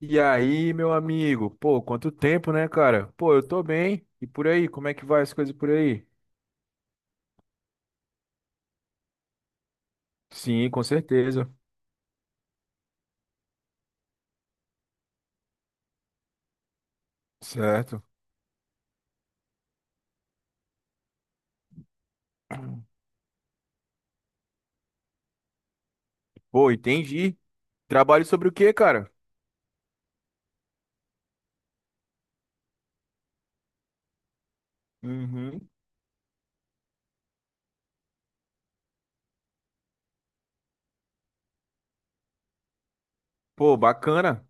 E aí, meu amigo? Pô, quanto tempo, né, cara? Pô, eu tô bem. E por aí, como é que vai as coisas por aí? Sim, com certeza. Certo. Pô, entendi. Trabalho sobre o quê, cara? Uhum. Pô, bacana.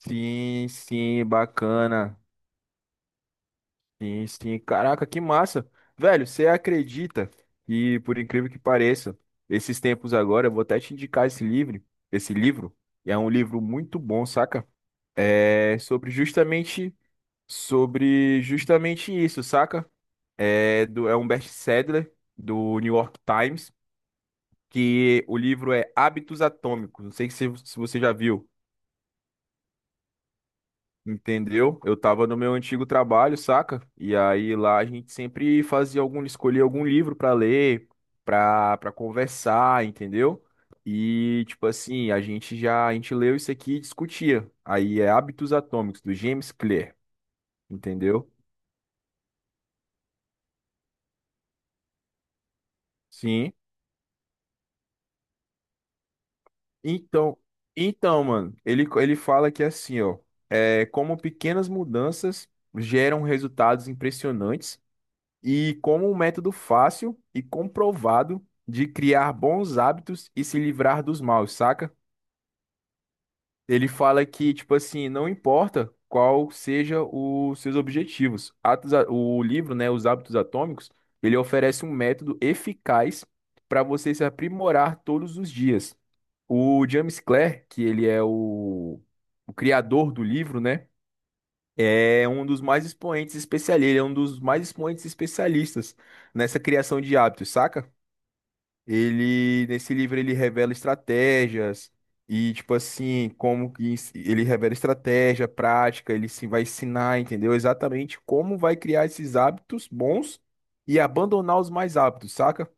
Sim, sim, bacana. Sim, sim. Caraca, que massa. Velho, você acredita? E por incrível que pareça, esses tempos agora, eu vou até te indicar esse livro, esse livro. É um livro muito bom, saca? É sobre justamente isso, saca? É um best-seller do New York Times, que o livro é Hábitos Atômicos. Não sei se você já viu, entendeu? Eu tava no meu antigo trabalho, saca? E aí lá a gente sempre fazia algum, escolhia algum livro pra ler, pra conversar, entendeu? E tipo assim, a gente leu isso aqui e discutia. Aí é Hábitos Atômicos, do James Clear, entendeu? Sim. Então, então, mano, ele fala que é assim, ó, como pequenas mudanças geram resultados impressionantes e como um método fácil e comprovado de criar bons hábitos e se livrar dos maus, saca? Ele fala que, tipo assim, não importa qual seja os seus objetivos. O livro, né, Os Hábitos Atômicos, ele oferece um método eficaz para você se aprimorar todos os dias. O James Clear, que ele é o criador do livro, né? É um dos mais expoentes especialistas, Ele é um dos mais expoentes especialistas nessa criação de hábitos, saca? Ele, nesse livro, ele revela estratégias e, tipo assim, ele revela estratégia, prática, ele se vai ensinar, entendeu? Exatamente como vai criar esses hábitos bons e abandonar os mais hábitos, saca?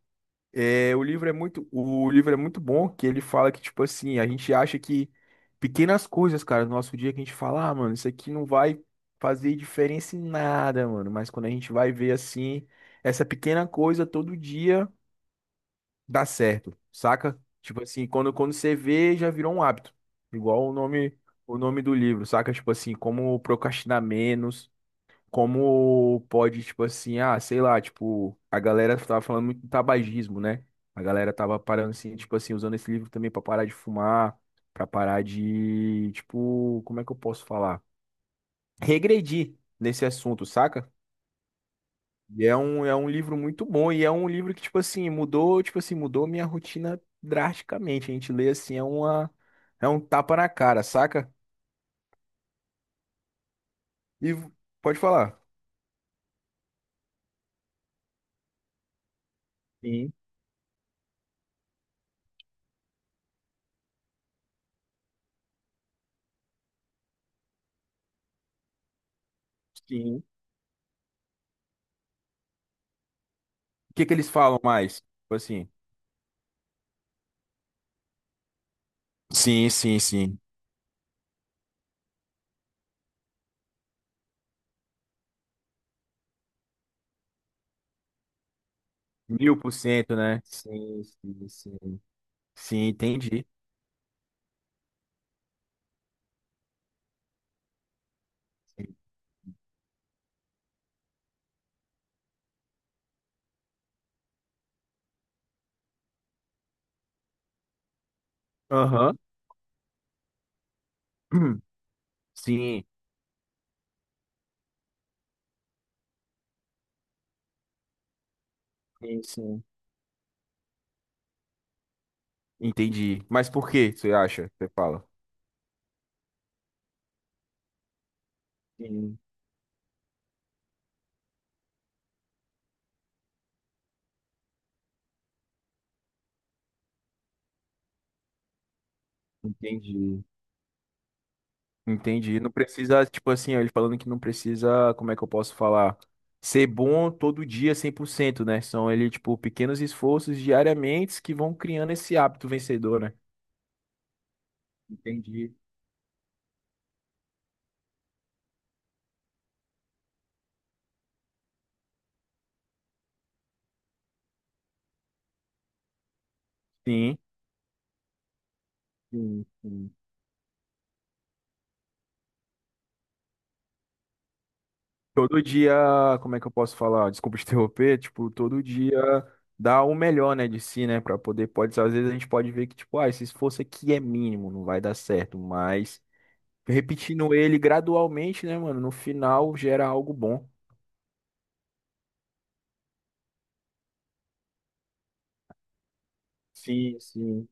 O livro é muito bom, que ele fala que, tipo assim, a gente acha que pequenas coisas, cara, no nosso dia que a gente fala, ah, mano, isso aqui não vai fazer diferença em nada, mano. Mas quando a gente vai ver assim, essa pequena coisa todo dia dá certo, saca? Tipo assim, quando você vê, já virou um hábito. Igual o nome do livro, saca? Tipo assim, como procrastinar menos como pode, tipo assim, ah, sei lá, tipo, a galera tava falando muito do tabagismo, né? A galera tava parando assim, tipo assim, usando esse livro também pra parar de fumar, pra parar de, tipo, como é que eu posso falar? Regredir nesse assunto, saca? E é um, livro muito bom e é um livro que, tipo assim, mudou minha rotina drasticamente. A gente lê assim, é um tapa na cara, saca? E v- Pode falar. Sim, sim. O que que eles falam mais? Tipo assim. Sim, sim, sim. 1000%, né? Sim, sim, sim. Sim, entendi. Sim, Aham. Sim, sim. Sim. Entendi. Mas por que você acha? Você fala. Sim, entendi. Entendi. Não precisa, tipo assim, ó, ele falando que não precisa, como é que eu posso falar? Ser bom todo dia 100%, né? São ele, tipo, pequenos esforços diariamente que vão criando esse hábito vencedor, né? Entendi. Sim. Sim, sim. Todo dia, como é que eu posso falar? Desculpa te interromper, tipo, todo dia dá o melhor, né, de si, né, às vezes a gente pode ver que, tipo, ah, esse esforço aqui é mínimo, não vai dar certo, mas repetindo ele gradualmente, né, mano, no final gera algo bom. Sim, sim.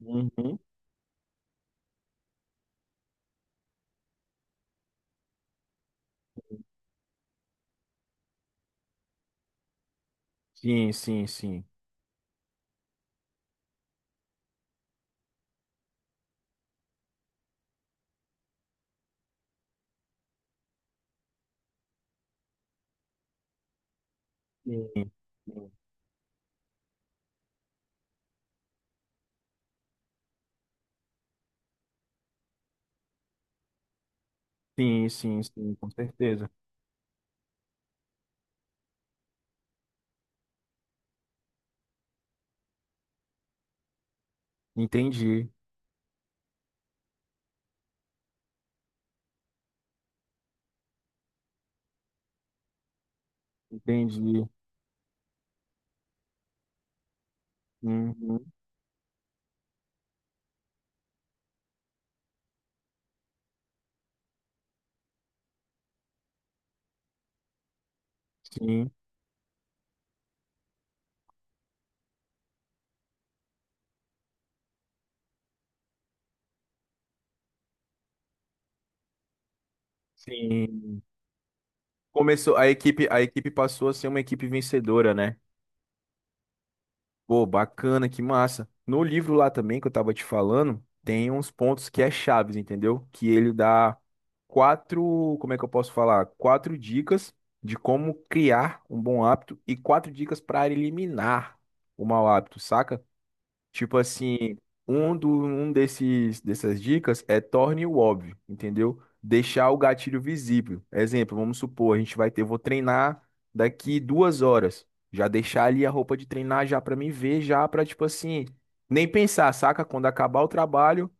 Uhum. Sim, sim, sim. Sim, sim, sim, sim, com certeza. Entendi, entendi. Uhum. Sim, sim. A equipe passou a ser uma equipe vencedora, né? Pô, bacana, que massa. No livro lá também que eu tava te falando, tem uns pontos que é chaves, entendeu? Que ele dá quatro, como é que eu posso falar? Quatro dicas de como criar um bom hábito e quatro dicas para eliminar o mau hábito, saca? Tipo assim, um desses, dessas dicas é torne o óbvio, entendeu? Deixar o gatilho visível. Exemplo, vamos supor, a gente vai ter, vou treinar daqui 2 horas. Já deixar ali a roupa de treinar já pra mim ver, já pra, tipo assim, nem pensar, saca? Quando acabar o trabalho,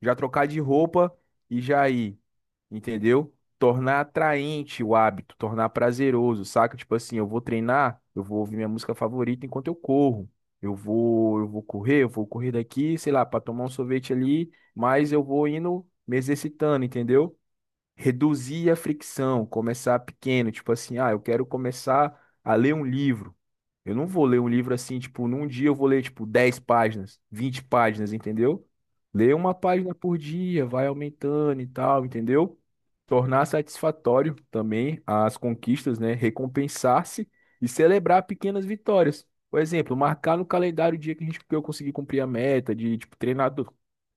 já trocar de roupa e já ir, entendeu? Tornar atraente o hábito, tornar prazeroso, saca? Tipo assim, eu vou treinar, eu vou ouvir minha música favorita enquanto eu corro. Eu vou correr daqui, sei lá, para tomar um sorvete ali, mas eu vou indo me exercitando, entendeu? Reduzir a fricção, começar pequeno, tipo assim, ah, eu quero começar a ler um livro. Eu não vou ler um livro assim, tipo, num dia eu vou ler, tipo, 10 páginas, 20 páginas, entendeu? Ler uma página por dia, vai aumentando e tal, entendeu? Tornar satisfatório também as conquistas, né? Recompensar-se e celebrar pequenas vitórias. Por exemplo, marcar no calendário o dia que que eu consegui cumprir a meta de, tipo, treinar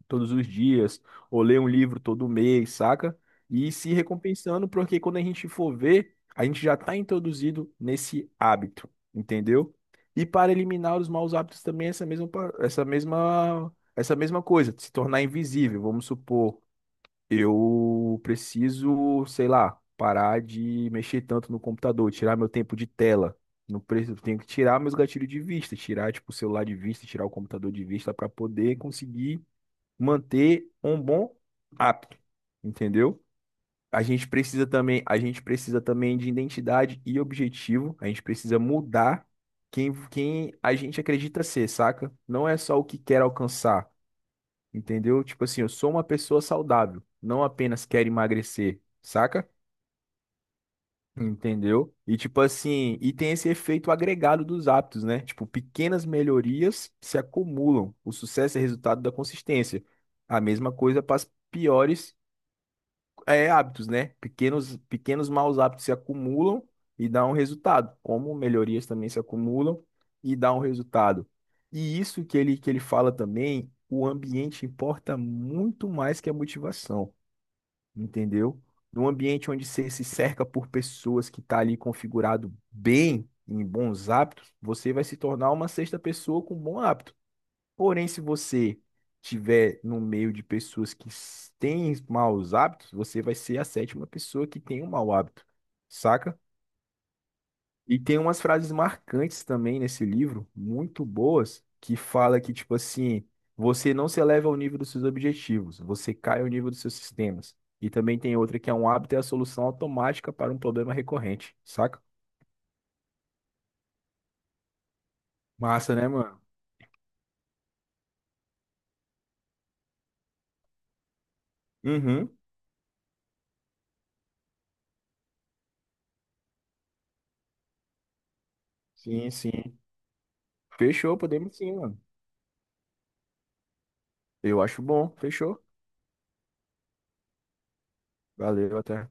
todos os dias, ou ler um livro todo mês, saca? E se recompensando, porque quando a gente for ver, a gente já está introduzido nesse hábito, entendeu? E para eliminar os maus hábitos também é essa mesma, pa- essa mesma coisa, se tornar invisível. Vamos supor, eu preciso, sei lá, parar de mexer tanto no computador, tirar meu tempo de tela. Não preciso, tenho que tirar meus gatilhos de vista, tirar tipo o celular de vista, tirar o computador de vista para poder conseguir manter um bom hábito, entendeu? A gente precisa também de identidade e objetivo. A gente precisa mudar quem a gente acredita ser, saca? Não é só o que quer alcançar, entendeu? Tipo assim, eu sou uma pessoa saudável, não apenas quero emagrecer, saca? Entendeu? E tipo assim, e tem esse efeito agregado dos hábitos, né? Tipo, pequenas melhorias se acumulam. O sucesso é resultado da consistência. A mesma coisa para as piores, hábitos, né? Pequenos maus hábitos se acumulam e dão um resultado, como melhorias também se acumulam e dão um resultado. E isso que ele fala também, o ambiente importa muito mais que a motivação, entendeu? Num ambiente onde você se cerca por pessoas que tá ali configurado bem, em bons hábitos, você vai se tornar uma sexta pessoa com bons hábitos. Porém, se você tiver no meio de pessoas que têm maus hábitos, você vai ser a sétima pessoa que tem um mau hábito, saca? E tem umas frases marcantes também nesse livro, muito boas, que fala que, tipo assim, você não se eleva ao nível dos seus objetivos, você cai ao nível dos seus sistemas. E também tem outra que é um hábito é a solução automática para um problema recorrente, saca? Massa, né, mano? Uhum. Sim, sim. Fechou, podemos sim, mano. Eu acho bom. Fechou. Valeu, até.